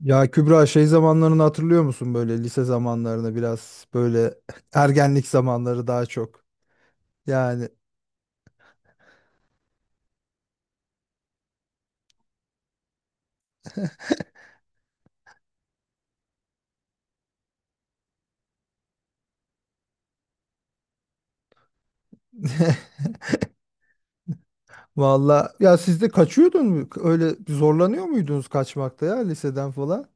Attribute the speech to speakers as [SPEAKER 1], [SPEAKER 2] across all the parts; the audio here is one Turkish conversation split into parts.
[SPEAKER 1] Ya Kübra zamanlarını hatırlıyor musun böyle lise zamanlarını biraz böyle ergenlik zamanları daha çok. Yani valla ya siz de kaçıyordun mu? Öyle zorlanıyor muydunuz kaçmakta ya liseden falan?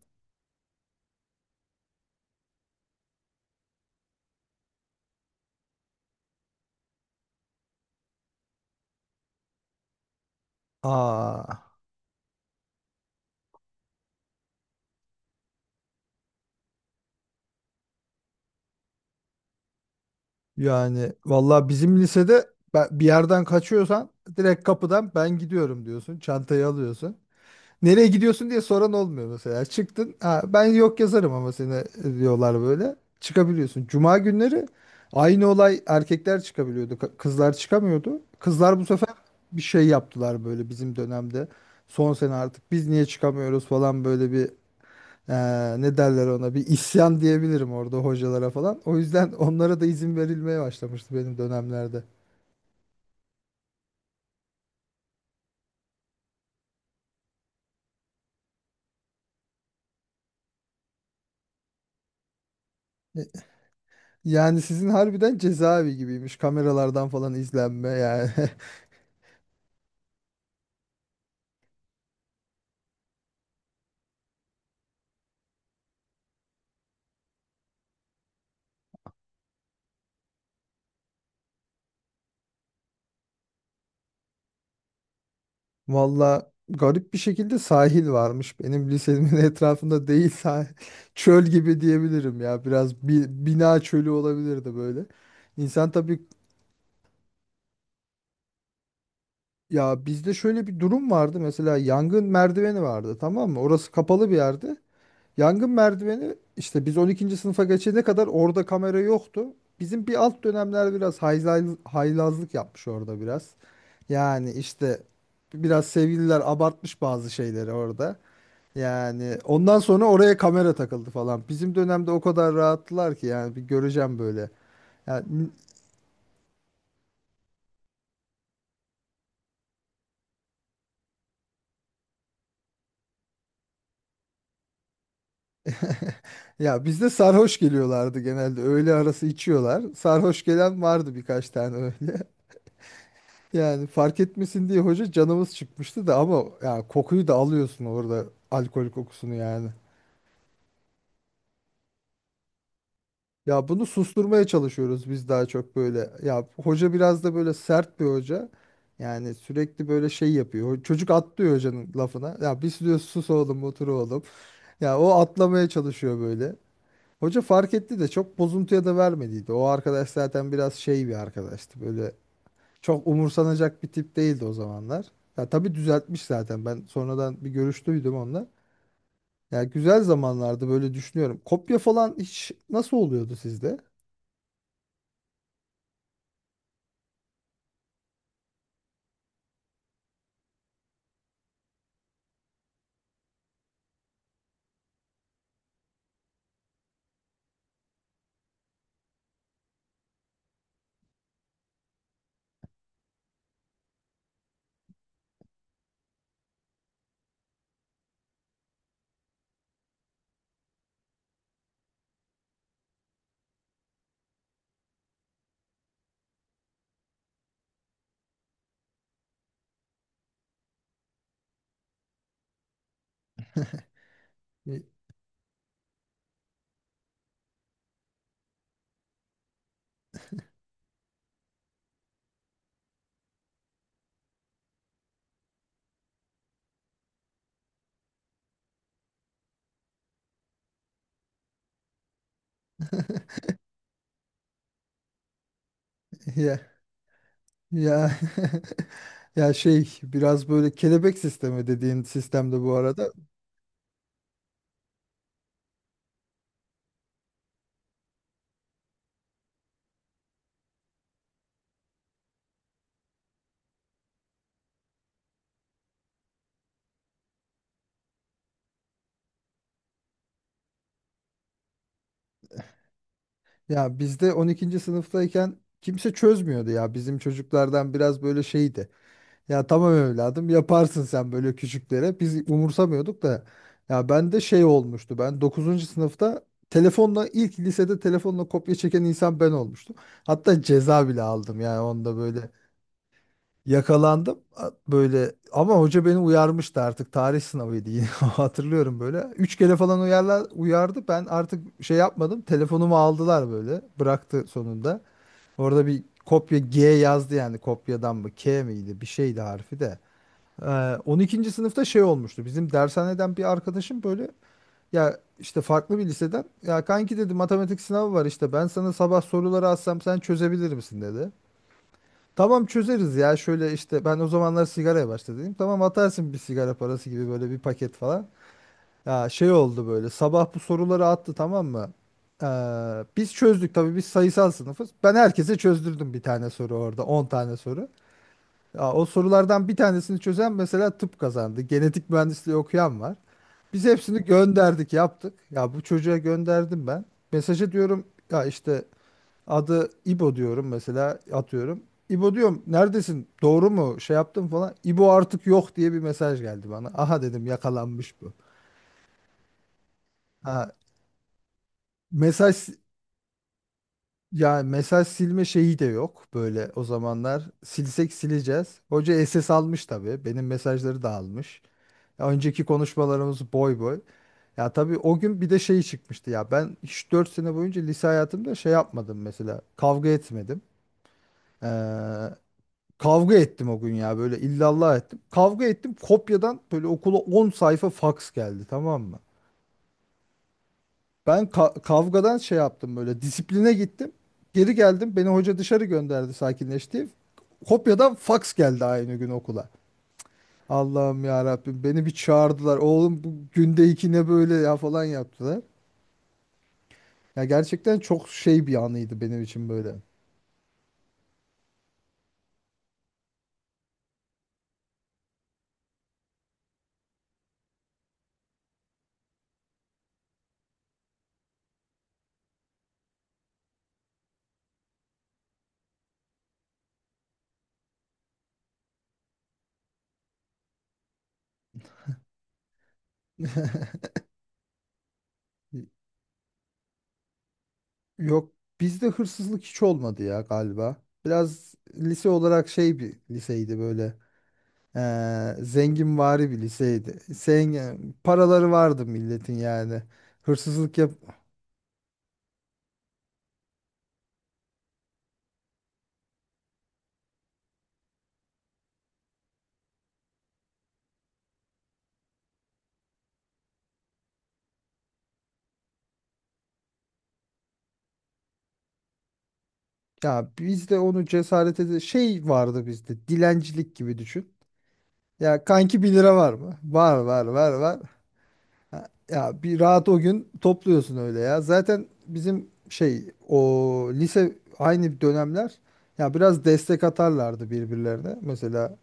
[SPEAKER 1] Aa, yani valla bizim lisede bir yerden kaçıyorsan direkt kapıdan ben gidiyorum diyorsun. Çantayı alıyorsun. Nereye gidiyorsun diye soran olmuyor mesela. Çıktın. Ha, ben yok yazarım ama seni diyorlar böyle. Çıkabiliyorsun. Cuma günleri aynı olay, erkekler çıkabiliyordu. Kızlar çıkamıyordu. Kızlar bu sefer bir şey yaptılar böyle bizim dönemde. Son sene artık biz niye çıkamıyoruz falan, böyle bir ne derler ona, bir isyan diyebilirim orada hocalara falan. O yüzden onlara da izin verilmeye başlamıştı benim dönemlerde. E, yani sizin harbiden cezaevi gibiymiş, kameralardan falan izlenme yani. Valla garip bir şekilde sahil varmış. Benim lisemin etrafında değil sahil. Çöl gibi diyebilirim ya. Biraz bina çölü olabilirdi böyle. İnsan tabii, ya bizde şöyle bir durum vardı. Mesela yangın merdiveni vardı, tamam mı? Orası kapalı bir yerdi. Yangın merdiveni işte, biz 12. sınıfa geçene kadar orada kamera yoktu. Bizim bir alt dönemler biraz haylazlık yapmış orada biraz. Yani işte biraz sevgililer abartmış bazı şeyleri orada. Yani ondan sonra oraya kamera takıldı falan. Bizim dönemde o kadar rahattılar ki, yani bir göreceğim böyle. Ya, ya bizde sarhoş geliyorlardı genelde. Öğle arası içiyorlar. Sarhoş gelen vardı birkaç tane öyle. Yani fark etmesin diye hoca, canımız çıkmıştı da, ama ya kokuyu da alıyorsun orada, alkol kokusunu yani. Ya bunu susturmaya çalışıyoruz biz daha çok böyle. Ya hoca biraz da böyle sert bir hoca. Yani sürekli böyle şey yapıyor. Çocuk atlıyor hocanın lafına. Ya biz diyor, sus oğlum, otur oğlum. Ya o atlamaya çalışıyor böyle. Hoca fark etti de çok bozuntuya da vermediydi. O arkadaş zaten biraz şey bir arkadaştı. Böyle çok umursanacak bir tip değildi o zamanlar. Ya tabii düzeltmiş zaten. Ben sonradan bir görüş duydum onunla. Ya güzel zamanlardı böyle, düşünüyorum. Kopya falan hiç nasıl oluyordu sizde? Ya Ya ya biraz böyle kelebek sistemi dediğin sistemde bu arada. Ya bizde 12. sınıftayken kimse çözmüyordu ya. Bizim çocuklardan biraz böyle şeydi. Ya tamam evladım, yaparsın sen böyle küçüklere. Biz umursamıyorduk da. Ya ben de şey olmuştu. Ben dokuzuncu sınıfta telefonla, ilk lisede telefonla kopya çeken insan ben olmuştum. Hatta ceza bile aldım yani onda böyle. Yakalandım böyle, ama hoca beni uyarmıştı artık, tarih sınavıydı yine, hatırlıyorum böyle. Üç kere falan uyarlar, uyardı, ben artık şey yapmadım, telefonumu aldılar, böyle bıraktı sonunda. Orada bir kopya G yazdı yani, kopyadan mı K miydi bir şeydi harfi de. On ikinci sınıfta şey olmuştu, bizim dershaneden bir arkadaşım böyle, ya işte farklı bir liseden, ya kanki dedi matematik sınavı var işte, ben sana sabah soruları atsam sen çözebilir misin dedi. Tamam çözeriz ya, şöyle işte ben o zamanlar sigaraya başladım. Tamam atarsın bir sigara parası gibi böyle, bir paket falan. Ya şey oldu böyle, sabah bu soruları attı, tamam mı? Ee, biz çözdük tabii, biz sayısal sınıfız. Ben herkese çözdürdüm bir tane soru, orada 10 tane soru. Ya, o sorulardan bir tanesini çözen mesela tıp kazandı. Genetik mühendisliği okuyan var. Biz hepsini gönderdik yaptık. Ya bu çocuğa gönderdim ben. Mesaja diyorum ya işte, adı İbo diyorum mesela, atıyorum. İbo diyorum, neredesin? Doğru mu? Şey yaptım falan. İbo artık yok diye bir mesaj geldi bana. Aha dedim, yakalanmış bu. Ha, mesaj, ya mesaj silme şeyi de yok böyle o zamanlar. Silsek sileceğiz. Hoca SS almış tabii. Benim mesajları da almış. Ya önceki konuşmalarımız boy boy. Ya tabii o gün bir de şey çıkmıştı ya. Ben hiç 4 sene boyunca lise hayatımda şey yapmadım mesela. Kavga etmedim. Ee, Kavga ettim o gün ya, böyle illallah ettim. Kavga ettim, kopyadan böyle okula 10 sayfa faks geldi, tamam mı? Ben kavgadan şey yaptım, böyle disipline gittim. Geri geldim, beni hoca dışarı gönderdi, sakinleşti. Kopyadan faks geldi aynı gün okula. Allah'ım ya Rabbim, beni bir çağırdılar. Oğlum bu günde iki ne böyle ya falan yaptılar. Ya gerçekten çok şey bir anıydı benim için böyle. Yok, bizde hırsızlık hiç olmadı ya galiba. Biraz lise olarak şey bir liseydi böyle. Zenginvari bir liseydi. Zengin, paraları vardı milletin yani. Hırsızlık yap, ya bizde onu cesaret ede şey vardı bizde. Dilencilik gibi düşün. Ya kanki 1 lira var mı? Var var var var. Ha, ya bir rahat o gün topluyorsun öyle ya. Zaten bizim şey, o lise aynı dönemler, ya biraz destek atarlardı birbirlerine. Mesela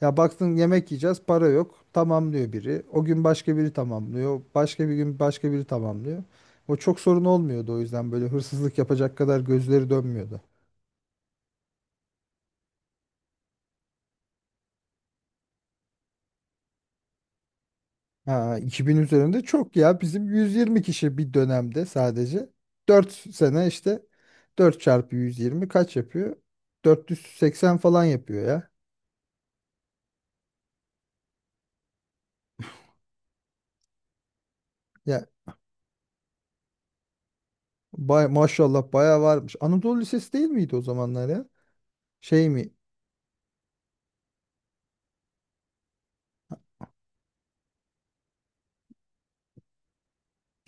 [SPEAKER 1] ya baktın, yemek yiyeceğiz para yok, tamamlıyor biri. O gün başka biri tamamlıyor. Başka bir gün başka biri tamamlıyor. O çok sorun olmuyordu, o yüzden böyle hırsızlık yapacak kadar gözleri dönmüyordu. Ha, 2000 üzerinde çok ya. Bizim 120 kişi bir dönemde sadece. 4 sene işte, 4 çarpı 120 kaç yapıyor? 480 falan yapıyor ya. Ya bay, maşallah bayağı varmış. Anadolu Lisesi değil miydi o zamanlar ya? Şey mi?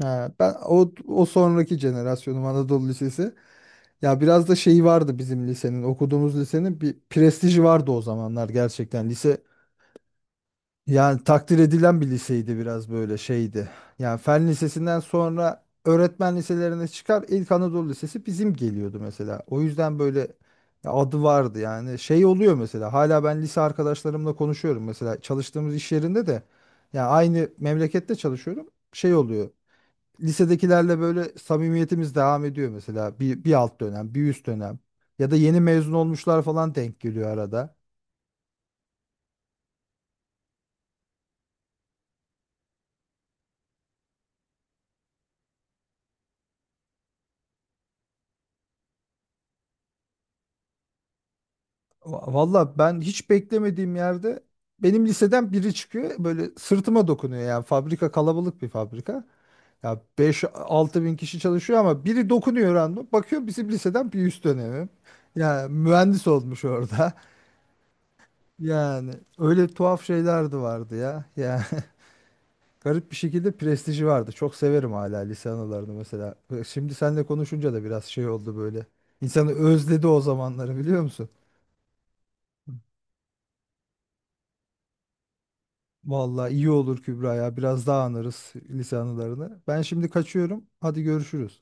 [SPEAKER 1] Ha, ben o, o sonraki jenerasyonum Anadolu Lisesi. Ya biraz da şeyi vardı bizim lisenin, okuduğumuz lisenin bir prestiji vardı o zamanlar gerçekten. Lise, yani takdir edilen bir liseydi, biraz böyle şeydi. Yani fen lisesinden sonra öğretmen liselerine çıkar, ilk Anadolu Lisesi bizim geliyordu mesela. O yüzden böyle adı vardı yani. Şey oluyor mesela, hala ben lise arkadaşlarımla konuşuyorum mesela, çalıştığımız iş yerinde de yani aynı memlekette çalışıyorum. Şey oluyor. Lisedekilerle böyle samimiyetimiz devam ediyor mesela, bir alt dönem, bir üst dönem, ya da yeni mezun olmuşlar falan denk geliyor arada. Valla ben hiç beklemediğim yerde benim liseden biri çıkıyor böyle, sırtıma dokunuyor, yani fabrika kalabalık bir fabrika. Ya 5-6 bin kişi çalışıyor, ama biri dokunuyor random. Bakıyor bizim liseden bir üst dönemim. Yani mühendis olmuş orada. Yani öyle tuhaf şeyler de vardı ya. Yani garip bir şekilde prestiji vardı. Çok severim hala lise anılarını mesela. Şimdi seninle konuşunca da biraz şey oldu böyle. İnsanı özledi o zamanları, biliyor musun? Vallahi iyi olur Kübra ya. Biraz daha anarız lise anılarını. Ben şimdi kaçıyorum. Hadi görüşürüz.